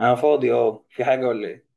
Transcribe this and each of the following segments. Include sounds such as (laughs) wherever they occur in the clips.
انا فاضي، في حاجه ولا ايه؟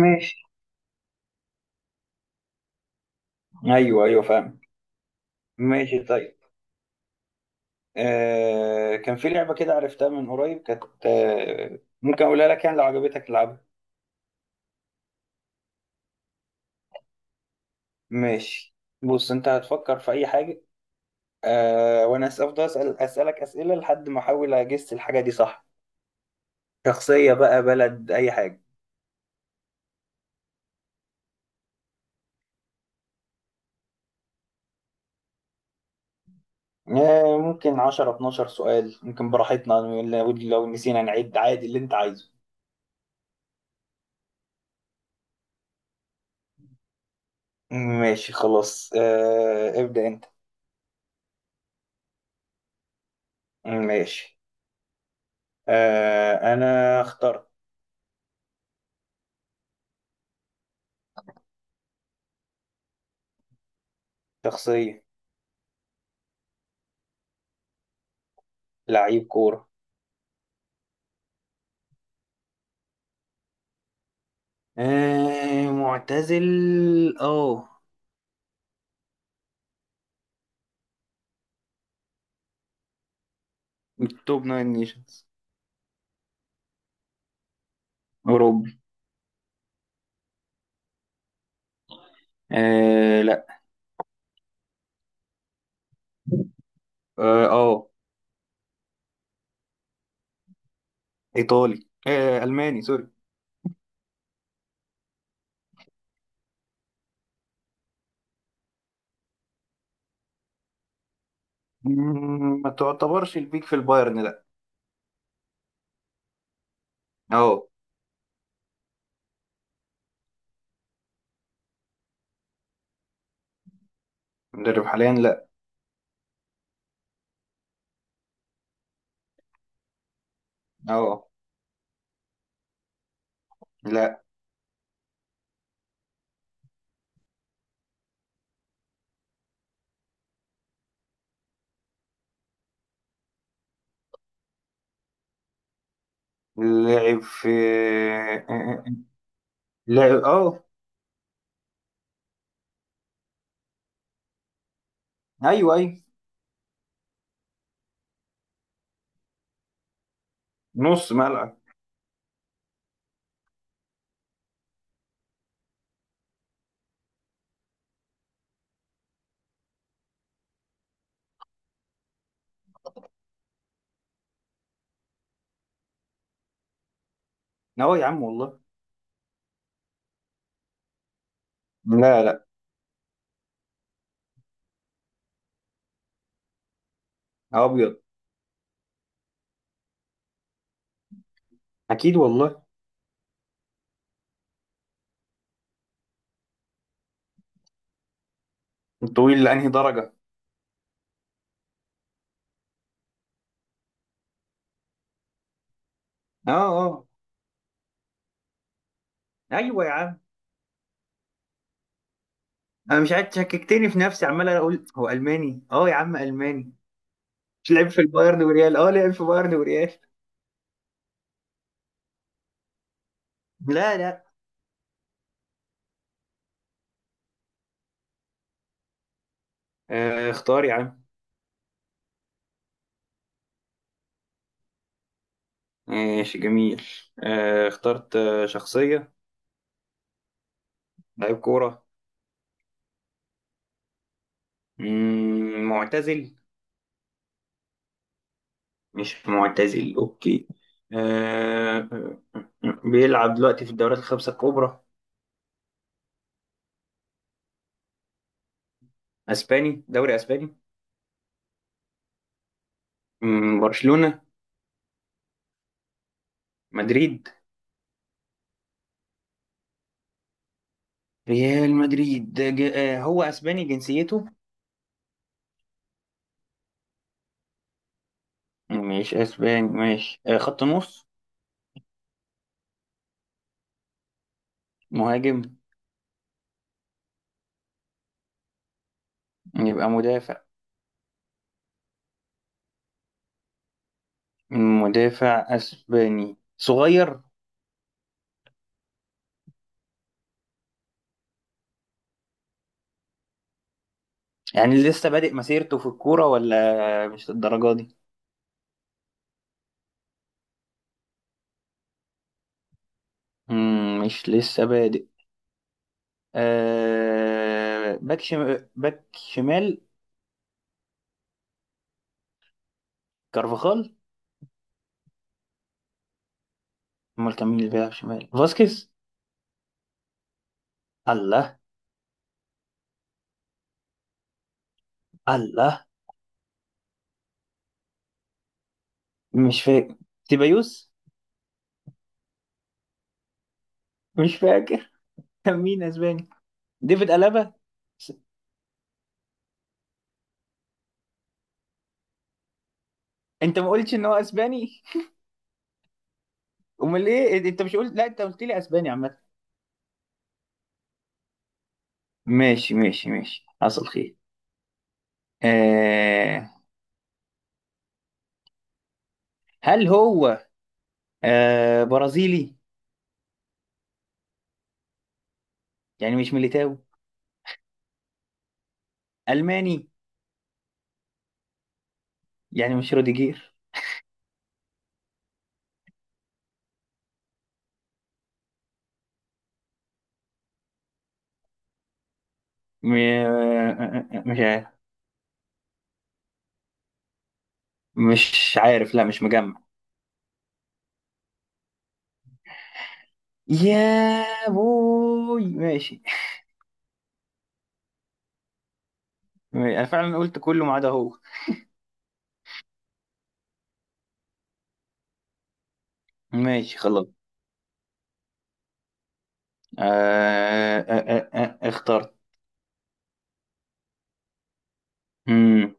ماشي. ايوه، ايوه، فاهم. ماشي، طيب. كان في لعبه كده عرفتها من قريب، كانت ممكن اقولها لك يعني لو عجبتك العبها. ماشي. بص، انت هتفكر في اي حاجه. وانا افضل اسالك اسئله لحد ما احاول اجس الحاجه دي صح؟ شخصيه بقى، بلد اي حاجه؟ ممكن 10 12 سؤال، ممكن براحتنا. لو نسينا نعد عادي اللي انت عايزه. ماشي خلاص، ابدأ انت. ماشي. انا اخترت. شخصية. لعيب كورة. آه، معتزل. اه، من توب ناين نيشنز. اوروبي. آه، لا. اه، آه، ايطالي، الماني سوري. ما تعتبرش البيك في البايرن، لا. اه. مدرب حاليا، لا. اه. لا. لعب في. لعب، آه، ايوه، ايوه. نص ملعب. اه، يا عم والله. لا، لا. ابيض. اكيد والله. طويل لانهي درجة؟ اه، اه. ايوه يا عم. انا مش عارف، شككتني في نفسي عمال اقول هو الماني، يا عم الماني. مش لعب في البايرن وريال، لعب في بايرن وريال. لا، لا. اختار يا عم. ماشي، جميل. اخترت، شخصية. لعيب كورة. معتزل؟ مش معتزل، اوكي. آه بيلعب دلوقتي في الدوريات الخمسة الكبرى؟ اسباني، دوري اسباني؟ برشلونة؟ مدريد؟ ريال مدريد، هو اسباني جنسيته؟ مش اسباني، ماشي، خط نص؟ مهاجم؟ يبقى مدافع. مدافع اسباني، صغير؟ يعني لسه بادئ مسيرته في الكورة ولا مش للدرجة دي؟ مش لسه بادئ. باك شمال؟ كارفاخال؟ امال كان مين اللي بيلعب شمال، فاسكيز؟ الله. الله. مش فاكر. تيبايوس؟ مش فاكر. (laughs) كان مين اسباني؟ ديفيد ألابا؟ س- انت ما قلتش ان هو اسباني؟ امال ايه؟ انت مش قلت لا، انت قلت لي اسباني عامه. ماشي، ماشي، ماشي، حصل خير. آه... هل هو برازيلي؟ يعني مش ميليتاو؟ الماني؟ يعني مش روديجير؟ م... آه، آه، آه، مش عارف. مش عارف، لا مش مجمع. يا بوي، ماشي. انا فعلا قلت كله ما عدا هو. ماشي خلاص. آه... آه... اخترت. مم.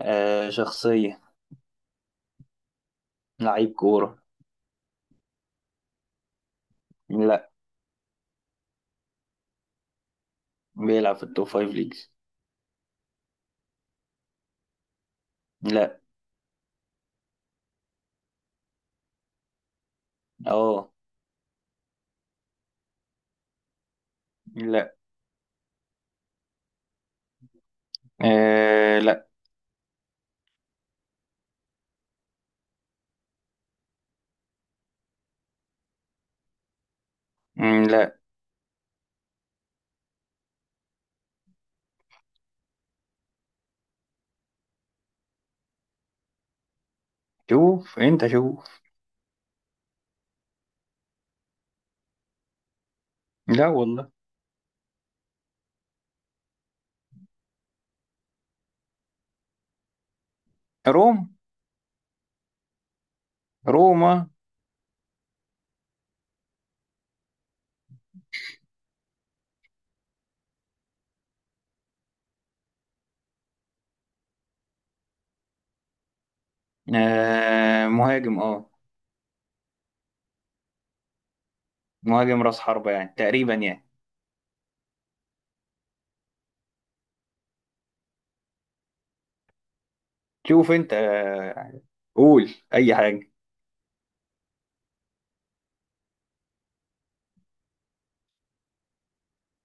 شخصية. لعيب كورة. لا. بيلعب في التوب فايف ليجز. لا. اه. لا. آه، لا. لا. شوف انت، شوف. لا والله. روم. روما. آه، مهاجم، اه. مهاجم راس حربة يعني، تقريبا يعني. شوف انت، قول اي حاجة.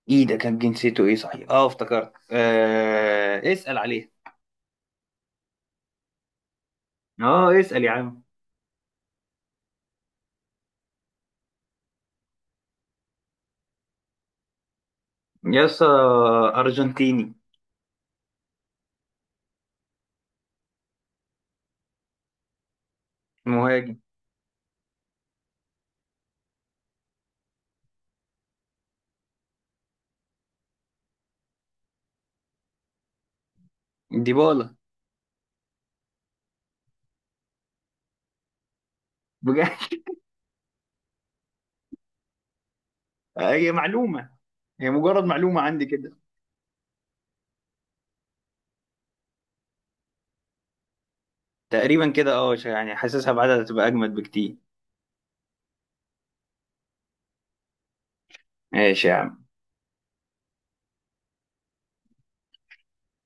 ايه ده، كان جنسيته ايه صحيح؟ اه افتكرت، اسأل عليه. اه، اسأل يا عم. يسا. ارجنتيني. مهاجم. ديبالا. بجد. هي معلومة. هي مجرد معلومة عندي كده. تقريبا كده، يعني حاسسها بعدها تبقى اجمد بكتير. ماشي يا عم.